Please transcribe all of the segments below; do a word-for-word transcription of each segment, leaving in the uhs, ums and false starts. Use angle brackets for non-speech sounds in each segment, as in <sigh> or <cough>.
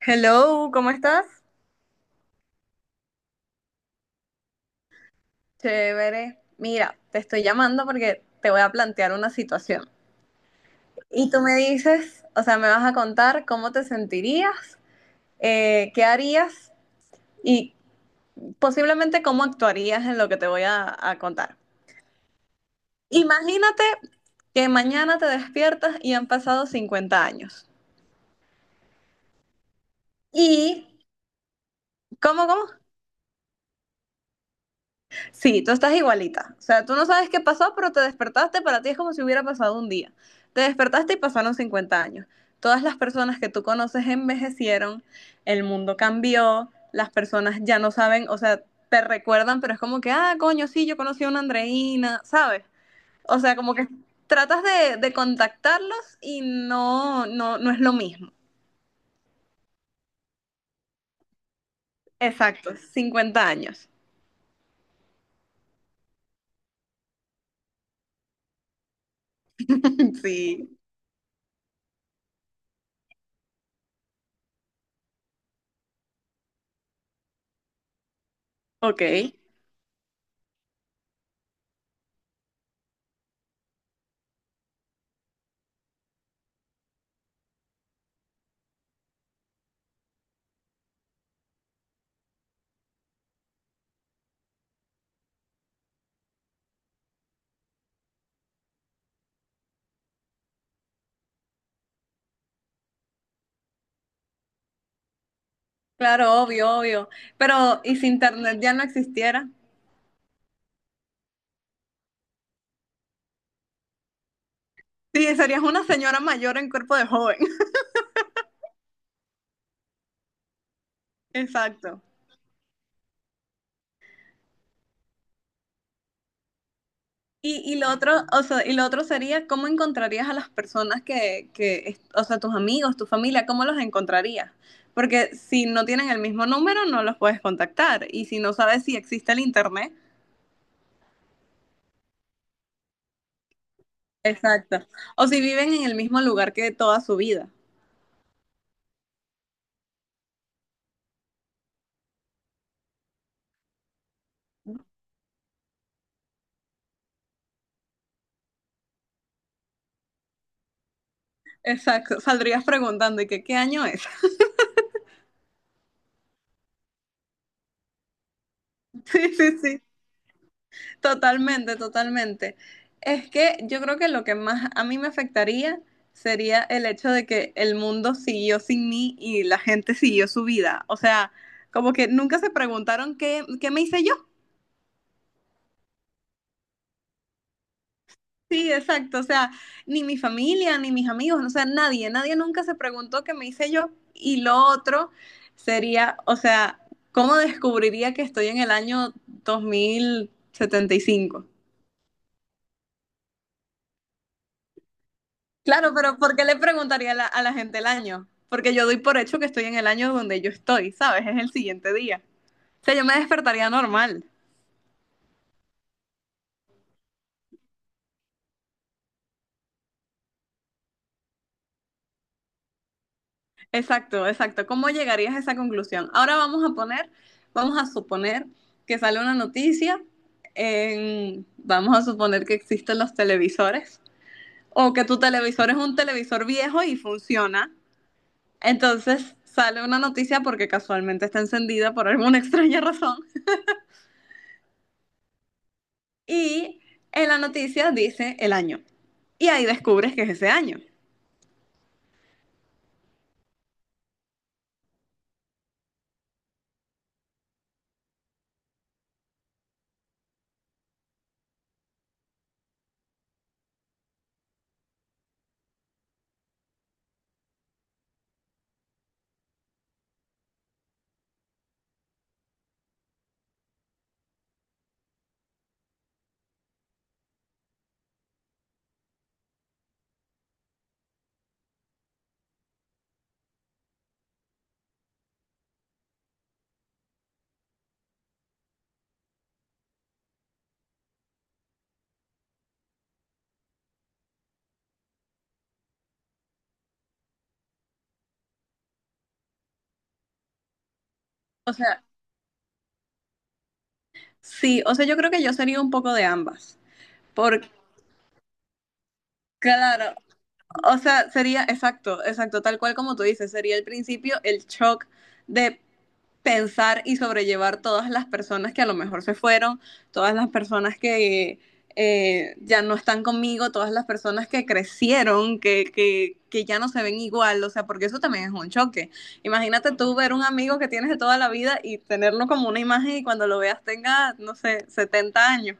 Hello, ¿cómo estás? Chévere. Mira, te estoy llamando porque te voy a plantear una situación. Y tú me dices, o sea, me vas a contar cómo te sentirías, eh, qué harías y posiblemente cómo actuarías en lo que te voy a, a contar. Imagínate que mañana te despiertas y han pasado cincuenta años. ¿Y cómo, cómo? Sí, tú estás igualita. O sea, tú no sabes qué pasó, pero te despertaste, para ti es como si hubiera pasado un día. Te despertaste y pasaron cincuenta años. Todas las personas que tú conoces envejecieron, el mundo cambió, las personas ya no saben, o sea, te recuerdan, pero es como que, ah, coño, sí, yo conocí a una Andreina, ¿sabes? O sea, como que tratas de, de contactarlos y no, no, no es lo mismo. Exacto, cincuenta años. <laughs> Sí, ok. Claro, obvio, obvio. Pero, ¿y si internet ya no existiera? Sí, serías una señora mayor en cuerpo de joven. <laughs> Exacto. Y, y lo otro, o sea, y lo otro sería cómo encontrarías a las personas que, que, es- o sea, tus amigos, tu familia, ¿cómo los encontrarías? Porque si no tienen el mismo número, no los puedes contactar. Y si no sabes si existe el internet, exacto. O si viven en el mismo lugar que toda su vida. Exacto. Saldrías preguntando, ¿y qué, qué año es? <laughs> Sí, sí, sí. Totalmente, totalmente. Es que yo creo que lo que más a mí me afectaría sería el hecho de que el mundo siguió sin mí y la gente siguió su vida. O sea, como que nunca se preguntaron qué, qué me hice yo. Sí, exacto. O sea, ni mi familia, ni mis amigos, o sea, nadie, nadie nunca se preguntó qué me hice yo. Y lo otro sería, o sea, ¿cómo descubriría que estoy en el año dos mil setenta y cinco? Claro, pero ¿por qué le preguntaría a la, a la gente el año? Porque yo doy por hecho que estoy en el año donde yo estoy, ¿sabes? Es el siguiente día. O sea, yo me despertaría normal. Exacto, exacto. ¿Cómo llegarías a esa conclusión? Ahora vamos a poner, vamos a suponer que sale una noticia, en- vamos a suponer que existen los televisores o que tu televisor es un televisor viejo y funciona. Entonces sale una noticia porque casualmente está encendida por alguna <laughs> extraña razón. Y en la noticia dice el año. Y ahí descubres que es ese año. O sea, sí, o sea, yo creo que yo sería un poco de ambas. Porque, claro, o sea, sería exacto, exacto, tal cual como tú dices, sería el principio, el shock de pensar y sobrellevar todas las personas que a lo mejor se fueron, todas las personas que eh, ya no están conmigo, todas las personas que crecieron, que, que, que ya no se ven igual, o sea, porque eso también es un choque. Imagínate tú ver un amigo que tienes de toda la vida y tenerlo como una imagen y cuando lo veas tenga, no sé, setenta años.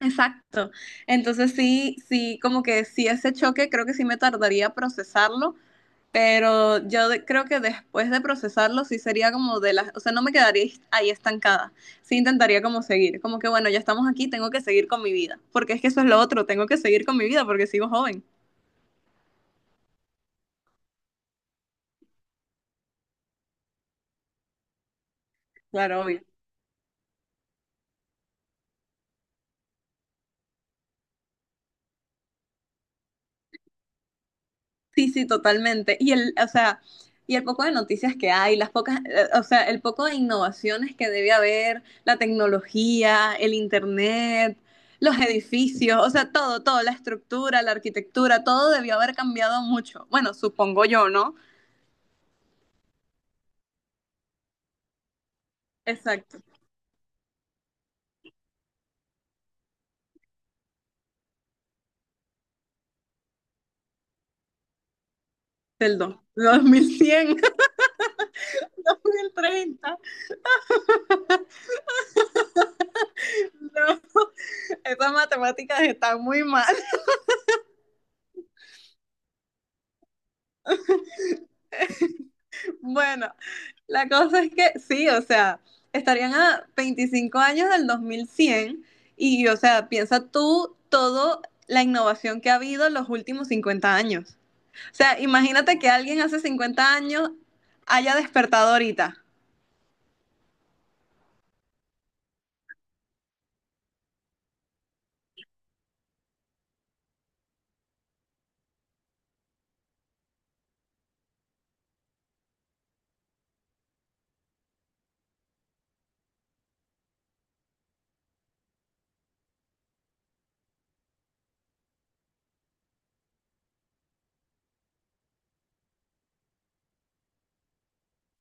Exacto. Entonces sí, sí, como que sí ese choque creo que sí me tardaría a procesarlo. Pero yo de- creo que después de procesarlo sí sería como de las, o sea, no me quedaría est- ahí estancada. Sí intentaría como seguir, como que bueno, ya estamos aquí, tengo que seguir con mi vida, porque es que eso es lo otro, tengo que seguir con mi vida porque sigo joven. Claro, obvio. Sí, sí, totalmente. Y el, o sea, y el poco de noticias que hay, las pocas, eh, o sea, el poco de innovaciones que debe haber, la tecnología, el internet, los edificios, o sea, todo, todo, la estructura, la arquitectura, todo debió haber cambiado mucho. Bueno, supongo yo, ¿no? Exacto. Perdón. dos mil cien, dos mil treinta. <laughs> No, esas matemáticas están muy mal. Bueno, la cosa es que sí, o sea, estarían a veinticinco años del dos mil cien y, o sea, piensa tú todo la innovación que ha habido en los últimos cincuenta años. O sea, imagínate que alguien hace cincuenta años haya despertado ahorita.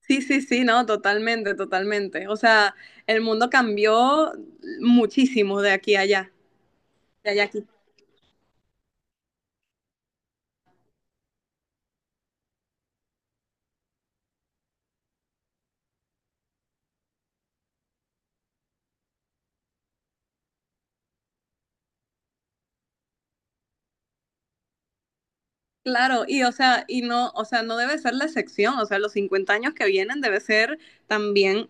Sí, sí, sí, no, totalmente, totalmente. O sea, el mundo cambió muchísimo de aquí a allá. De Jackie. Claro, y o sea, y no, o sea, no debe ser la excepción, o sea, los cincuenta años que vienen debe ser también,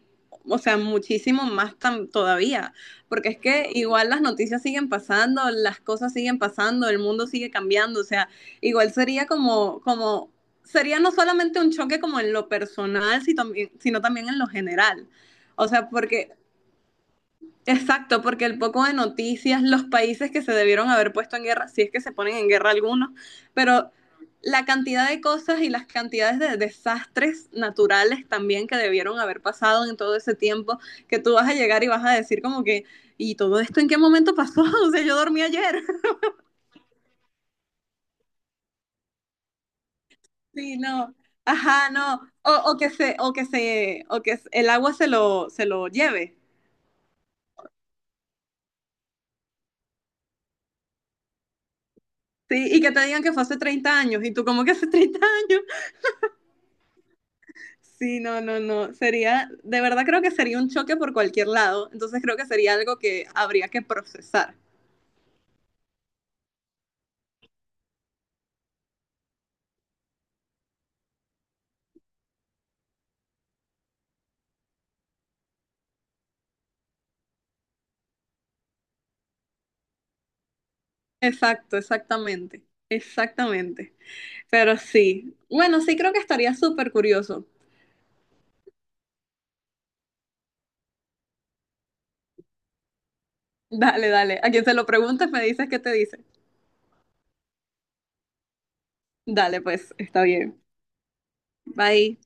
o sea, muchísimo más tan, todavía, porque es que igual las noticias siguen pasando, las cosas siguen pasando, el mundo sigue cambiando, o sea, igual sería como, como, sería no solamente un choque como en lo personal, si también- sino también en lo general. O sea, porque exacto, porque el poco de noticias, los países que se debieron haber puesto en guerra, si es que se ponen en guerra algunos, pero la cantidad de cosas y las cantidades de desastres naturales también que debieron haber pasado en todo ese tiempo, que tú vas a llegar y vas a decir como que, ¿y todo esto en qué momento pasó? <laughs> O sea, yo dormí ayer. <laughs> Sí, no. Ajá, no. O, o que se, o que se, o que el agua se lo, se lo lleve. Sí, y que te digan que fue hace treinta años, y tú como que hace treinta años. Sí, no, no, no. Sería, de verdad creo que sería un choque por cualquier lado. Entonces creo que sería algo que habría que procesar. Exacto, exactamente. Exactamente. Pero sí. Bueno, sí creo que estaría súper curioso. Dale, dale. A quien se lo preguntes me dices qué te dice. Dale, pues, está bien. Bye.